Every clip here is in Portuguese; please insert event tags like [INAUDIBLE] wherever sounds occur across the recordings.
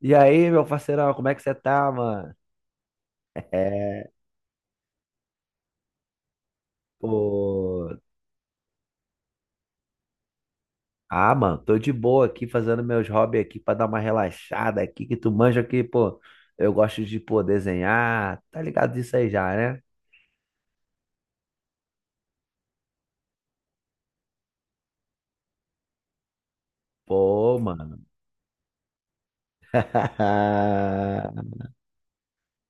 E aí, meu parceirão, como é que você tá, mano? É, pô. Ah, mano, tô de boa aqui fazendo meus hobbies aqui pra dar uma relaxada aqui, que tu manja aqui, pô. Eu gosto de, pô, desenhar, tá ligado disso aí já, né? Pô, mano. [LAUGHS]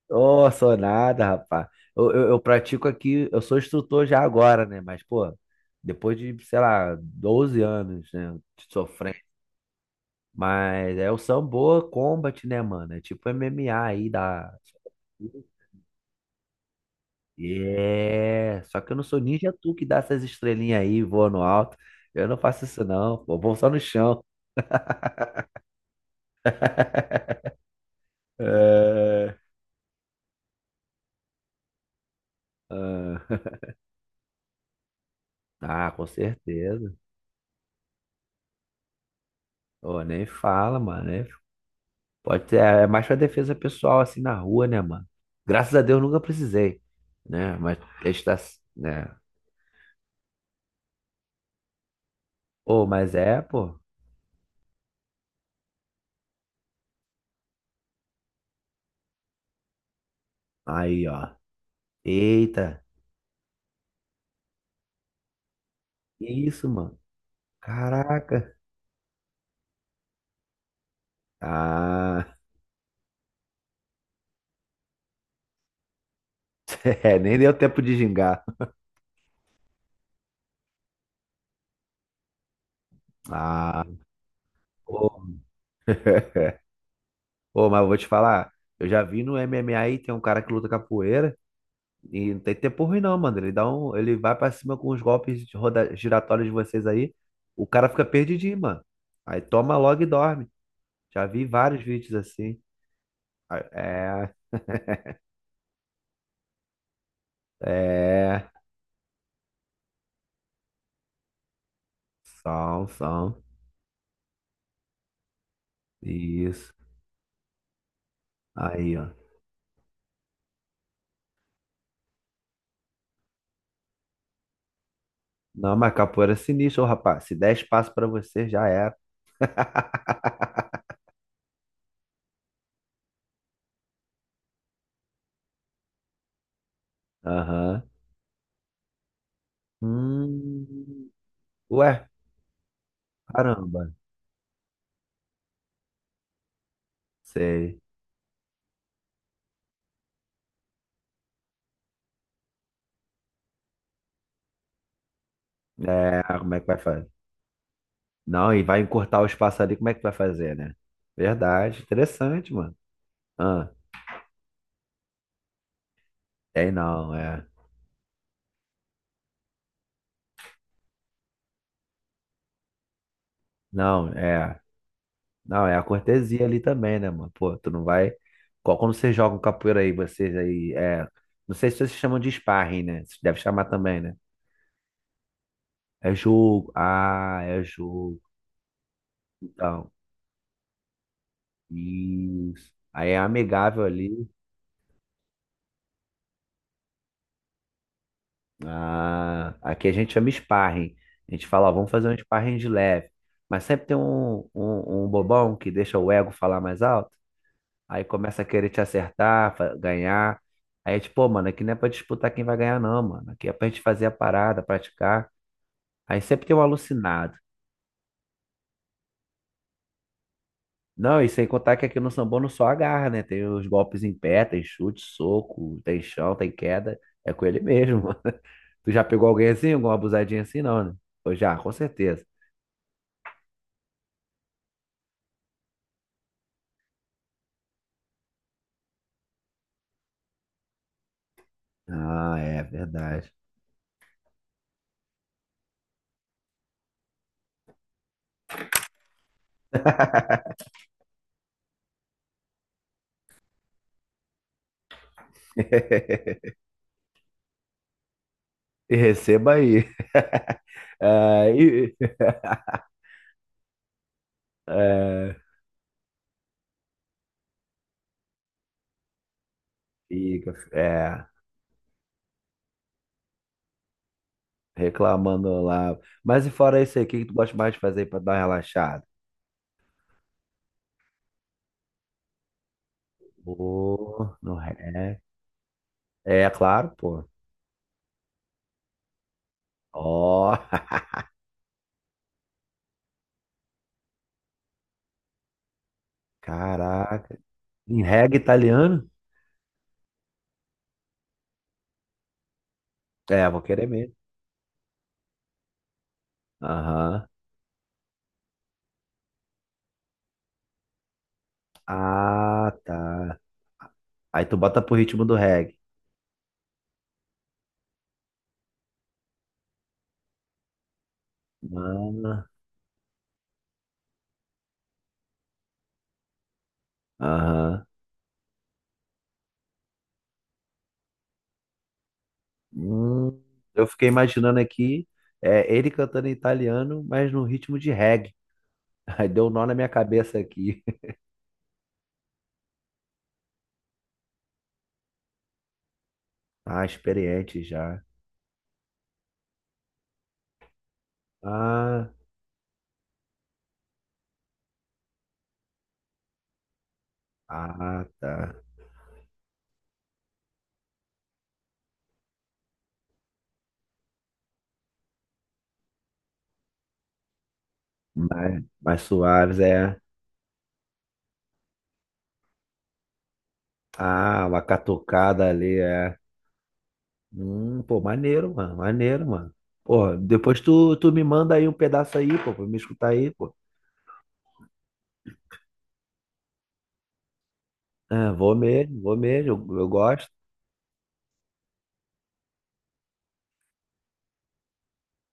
Ô, sou nada, rapaz. Eu pratico aqui, eu sou instrutor já agora, né? Mas, pô, depois de, sei lá, 12 anos, né, de sofrência. Mas é o Sambo Combat, né, mano? É tipo MMA aí da. É. Só que eu não sou ninja tu que dá essas estrelinhas aí, voa no alto. Eu não faço isso, não. Pô, eu vou só no chão. É. [LAUGHS] Ah, tá, com certeza. Ô, nem fala, mano, né? Pode ser, é mais pra defesa pessoal, assim, na rua, né, mano? Graças a Deus nunca precisei, né? Mas está, né? Ô, mas é, pô. Aí, ó. Eita, que isso, mano? Caraca. Ah, [LAUGHS] é, nem deu tempo de gingar. Ah, pô, é. Pô, mas eu vou te falar, eu já vi no MMA aí, tem um cara que luta capoeira e não tem tempo ruim não, mano. Ele dá um, ele vai pra cima com os golpes de roda, giratórios de vocês aí, o cara fica perdidinho, mano. Aí toma logo e dorme. Já vi vários vídeos assim. Ah, é, é, são, isso. Aí, ó. Não, mas capoeira é sinistro, ô, rapaz. Se der espaço pra você, já era. Aham. Hum, ué, caramba. Sei. É, como é que vai fazer? Não, e vai encurtar o espaço ali, como é que vai fazer, né? Verdade, interessante, mano. Ah, tem não, é. Não, é. Não, é a cortesia ali também, né, mano? Pô, tu não vai. Qual- Quando vocês jogam capoeira aí, vocês aí, é. Não sei se vocês chamam de sparring, né? Vocês devem chamar também, né? É jogo. Ah, é jogo. Então, isso. Aí é amigável ali. Ah, aqui a gente chama sparring. A gente fala, ó, vamos fazer um sparring de leve. Mas sempre tem um bobão que deixa o ego falar mais alto. Aí começa a querer te acertar, fa- ganhar. Aí é tipo, pô, mano, aqui não é pra disputar quem vai ganhar, não, mano. Aqui é pra gente fazer a parada, praticar. Aí sempre tem um alucinado. Não, e sem contar que aqui no Sambô não só agarra, né? Tem os golpes em pé, tem chute, soco, tem chão, tem queda. É com ele mesmo, [LAUGHS] mano. Tu já pegou alguém assim, alguma abusadinha assim, não, né? Ou já, com certeza. Ah, é verdade. [LAUGHS] E receba aí. [LAUGHS] Ah, e, é, fica, é, reclamando lá. Mas e fora isso aí, o que que tu gosta mais de fazer pra dar uma relaxada? Pô, no reggae. É, claro, pô. Ó, [LAUGHS] caraca. Em reggae italiano? É, vou querer mesmo. Aham. Ah, tá. Aí tu bota pro ritmo do reggae. Ah, aham. Hum, eu fiquei imaginando aqui, é, ele cantando em italiano, mas no ritmo de reggae. [LAUGHS] Aí deu um nó na minha cabeça aqui. [LAUGHS] Ah, experiente já. Ah, ah, tá. Mais, mais suaves, é. Ah, uma catucada ali, é. Pô, maneiro, mano, maneiro, mano. Pô, depois tu me manda aí um pedaço aí, pô, pra me escutar aí, pô. É, vou mesmo, eu gosto.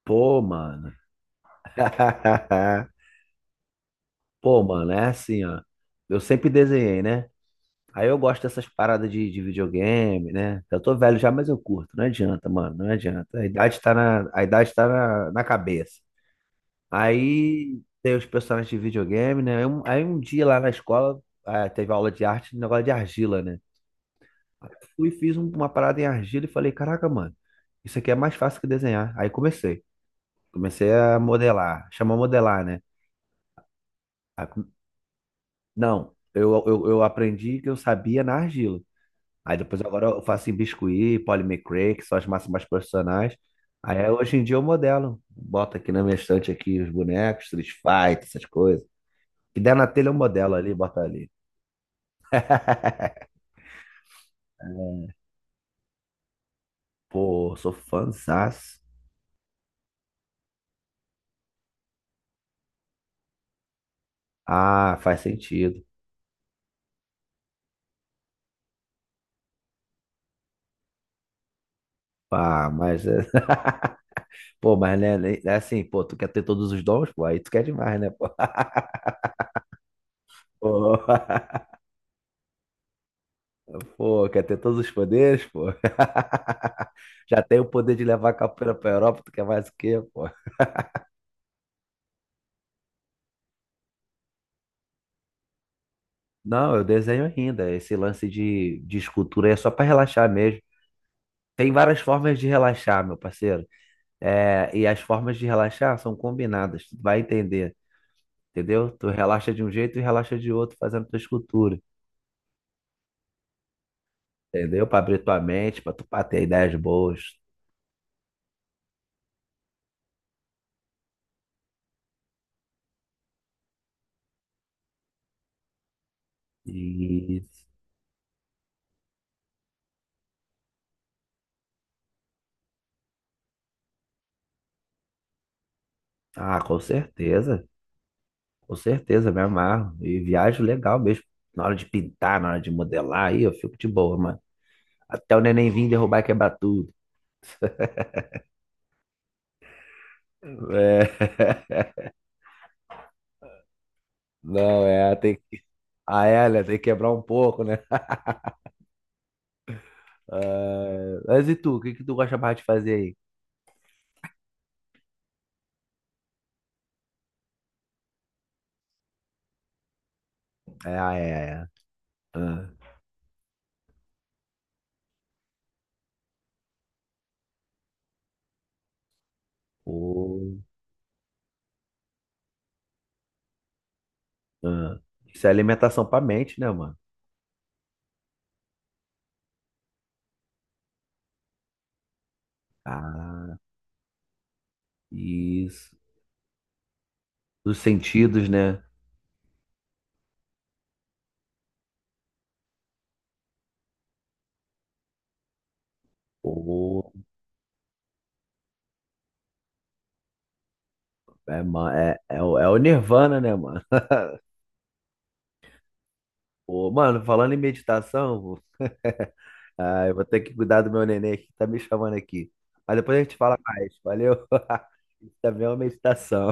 Pô, mano. [LAUGHS] Pô, mano, é assim, ó. Eu sempre desenhei, né? Aí eu gosto dessas paradas de videogame, né? Eu tô velho já, mas eu curto. Não adianta, mano, não adianta. A idade tá na, a idade tá na, na cabeça. Aí tem os personagens de videogame, né? Aí um dia lá na escola, ah, teve aula de arte, um negócio de argila, né? Aí eu fui e fiz uma parada em argila e falei, caraca, mano, isso aqui é mais fácil que desenhar. Aí comecei. Comecei a modelar, chama modelar, né? Aí come- Não, eu aprendi que eu sabia na argila. Aí depois agora eu faço em biscuit, Polly McRae, que são as massas mais profissionais. Aí hoje em dia eu modelo. Boto aqui na minha estante aqui os bonecos, Street Fighter, essas coisas. Que der na telha eu modelo ali, bota ali. [LAUGHS] Pô, sou fãzaço. Ah, faz sentido. Pá, mas... é- [LAUGHS] Pô, mas né, né, é assim, pô, tu quer ter todos os dons, pô, aí tu quer demais, né, pô? [LAUGHS] Pô, [LAUGHS] pô, quer ter todos os poderes, pô? [LAUGHS] Já tem o poder de levar a capoeira pra Europa, tu quer mais o quê, pô? Não, eu desenho ainda. Esse lance de escultura é só para relaxar mesmo. Tem várias formas de relaxar, meu parceiro. É, e as formas de relaxar são combinadas. Tu vai entender, entendeu? Tu relaxa de um jeito e relaxa de outro fazendo tua escultura, entendeu? Para abrir tua mente, para tu pra ter ideias boas. E ah, com certeza, me amarro. E viajo legal mesmo. Na hora de pintar, na hora de modelar, aí eu fico de boa, mano. Até o neném vir derrubar e quebrar tudo. [LAUGHS] É. Não, é, tem que. Ah, é, né? Tem que quebrar um pouco, né? Ah, mas e tu? O que que tu gosta mais de fazer aí? É, ah, é, é. Ah, pô, ah. Isso é alimentação pra mente, né, mano? Ah, isso. Dos sentidos, né? Pô, é, ma- é, é, o é o Nirvana, né, mano? Pô, mano, falando em meditação, vou- [LAUGHS] ah, eu vou ter que cuidar do meu neném aqui, que tá me chamando aqui. Mas depois a gente fala mais, valeu? [LAUGHS] Isso também é uma meditação.